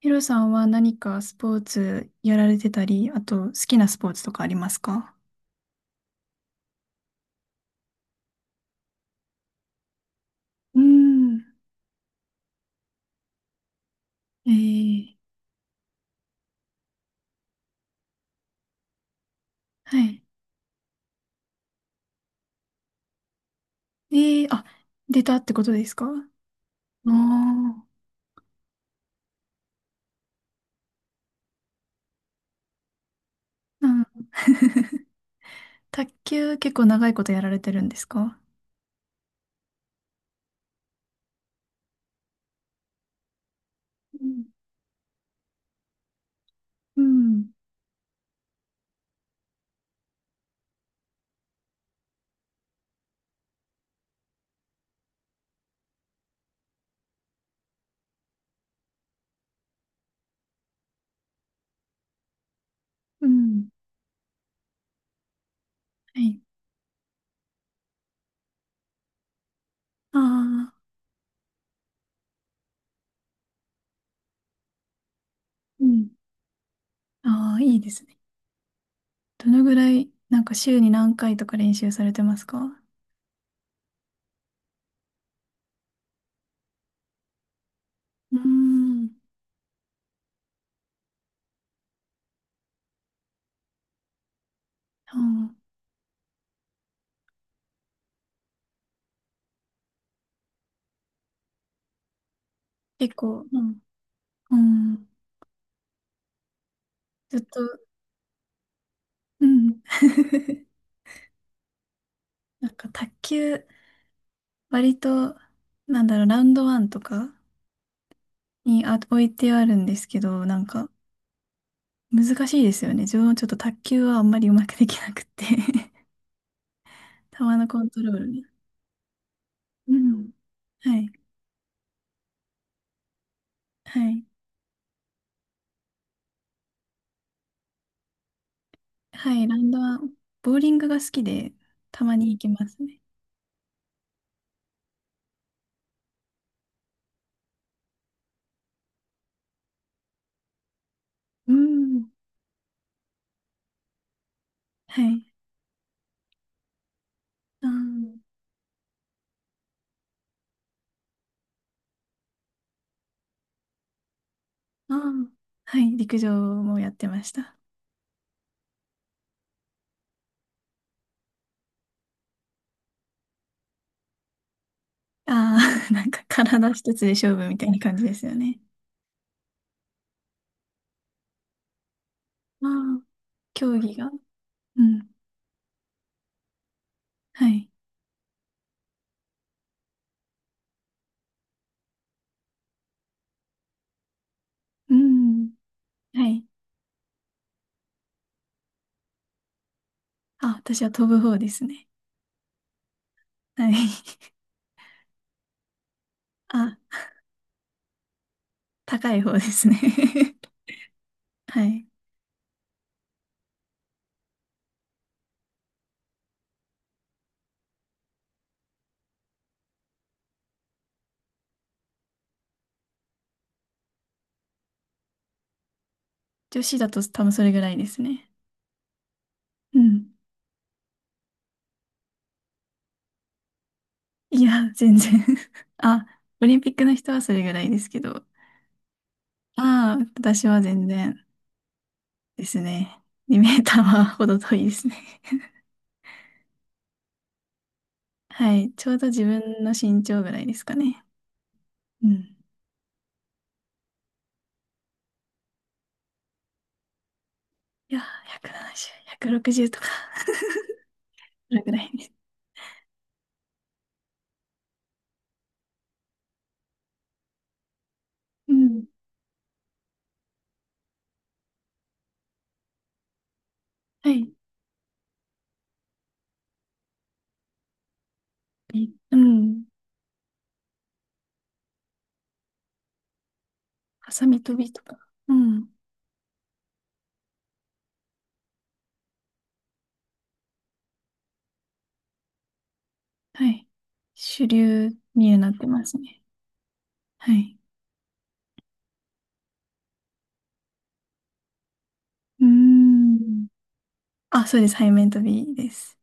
ヒロさんは何かスポーツやられてたり、あと好きなスポーツとかありますか？うーん。えー、はい。えあ、出たってことですかあ？あー。うん。卓球結構長いことやられてるんですか？うん。うん。うん。はい。ああ、うん。ああ、いいですね。どのぐらい、なんか週に何回とか練習されてますか？うーん。あー。結構、うん。うん。ずっと、うん。なんか卓球、割と、なんだろう、ラウンドワンとかに置いてあるんですけど、なんか難しいですよね。自分もちょっと卓球はあんまりうまくできなくって 球のコントロールね。うん。はい。はい。はい。ラウンドワン、ボーリングが好きで、たまに行きますね。うん。はい。ああ、ああ、はい。陸上もやってました。ああ、なんか体一つで勝負みたいな感じですよね。ああ、競技が。うん。はい。うん。はい。あ、私は飛ぶ方ですね。はい。あ、高い方ですね。はい。女子だと多分それぐらいですね。うん。いや、全然。 あ、オリンピックの人はそれぐらいですけど。ああ、私は全然ですね。2メーターはほど遠いですね。はい。ちょうど自分の身長ぐらいですかね。うん。いや、170、160とか、それぐらいです。うん。はい。えうん。ハサミ飛びとか。うん。はい。主流になってますね。はい。うーん。あ、そうです。背面飛びです。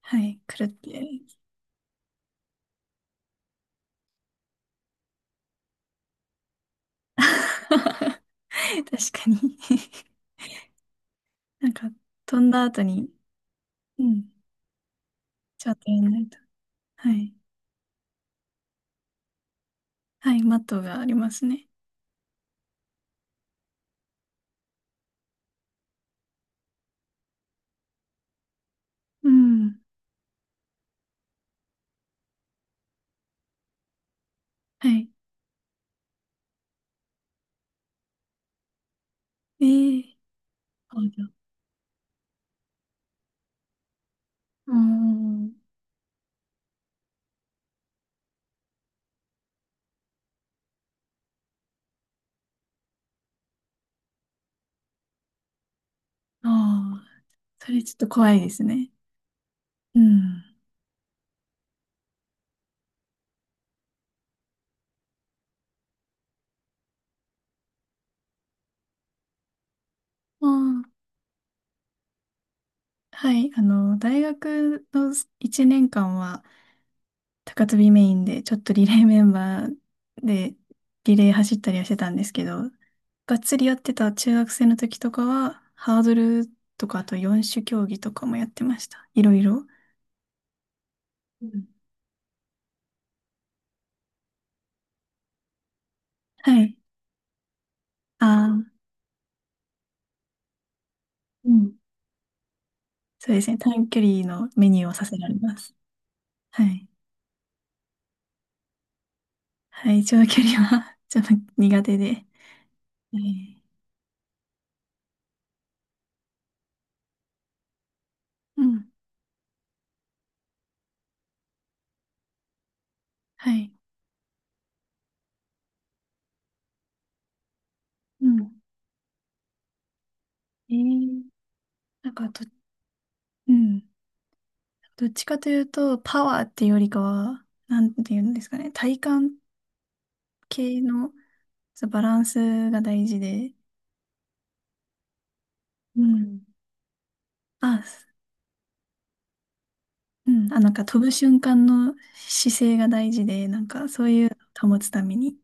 はい。くるってやるやつ。確かに。 なんか、飛んだ後に、うん。ちょっとやらないと。はい。はい。マットがありますね。うん。はい。ええ。そうだ。うーん。ああ、それちょっと怖いですね。うん。ああ、はい。あの、大学の1年間は、高跳びメインで、ちょっとリレーメンバーで、リレー走ったりはしてたんですけど、がっつりやってた中学生の時とかは、ハードルとか、あと4種競技とかもやってました。いろいろ。うん。はい。ああ、うん。そうですね。短距離のメニューをさせられます。はい。はい、長距離は ちょっと苦手で。えうん。はい。うん。えー、なんかと、うん。どっちかというと、パワーっていうよりかは、なんていうんですかね、体幹系の、そうバランスが大事で、うん。あ、すうん、あ、なんか飛ぶ瞬間の姿勢が大事で、なんかそういうのを保つために、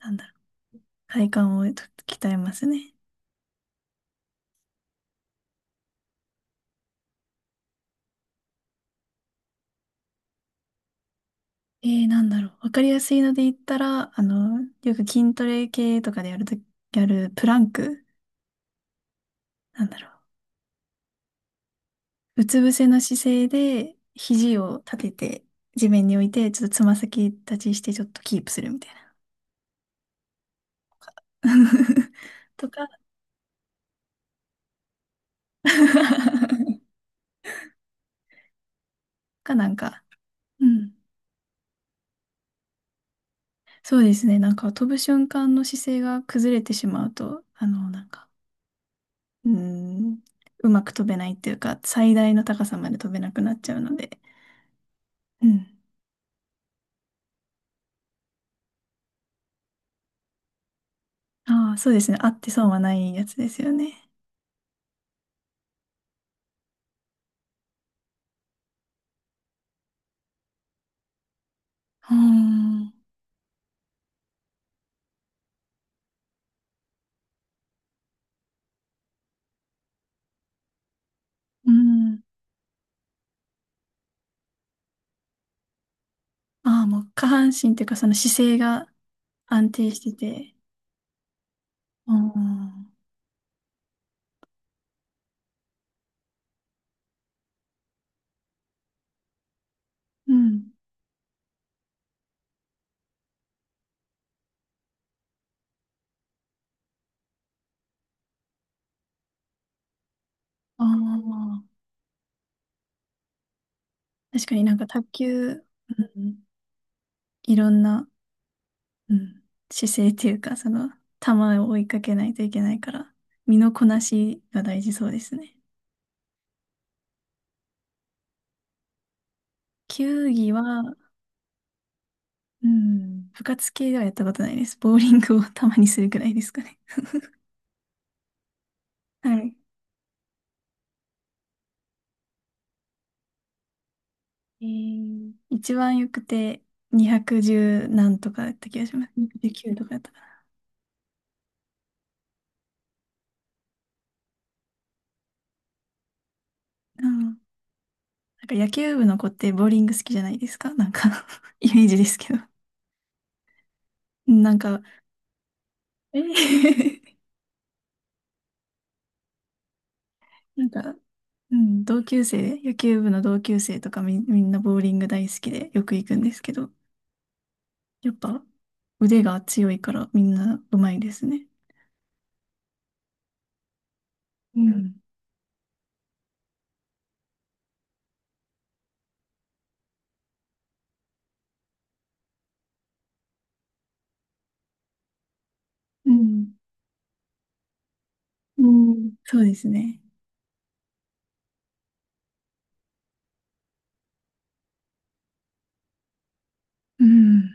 なんだろう、体幹を鍛えますね。なんだろう、わかりやすいので言ったら、あの、よく筋トレ系とかでやると、やるプランク、なんだろう、うつ伏せの姿勢で、肘を立てて、地面に置いて、ちょっとつま先立ちして、ちょっとキープするみたいな。とか かなんか、うん。そうですね。なんか飛ぶ瞬間の姿勢が崩れてしまうと、あの、なんか、うーん、うまく飛べないっていうか、最大の高さまで飛べなくなっちゃうので。うん。ああ、そうですね。あって損はないやつですよね。うーん。うん。ああ、もう下半身っていうか、その姿勢が、安定してて、ああ、うん。ああ、確かになんか卓球、うん、いろんな、うん、姿勢っていうか、その、球を追いかけないといけないから、身のこなしが大事そうですね。球技は、うん、部活系ではやったことないです。ボーリングをたまにするくらいですかね。はい。一番よくて、210何とかだった気がします。209とかだったかな。なんか野球部の子ってボーリング好きじゃないですか、なんか。 イメージですけど。なんか、えー なんか、うん、同級生、野球部の同級生とかみんなボーリング大好きでよく行くんですけど、やっぱ腕が強いからみんな上手いですね。うん。うん。うん。そうですね。うん。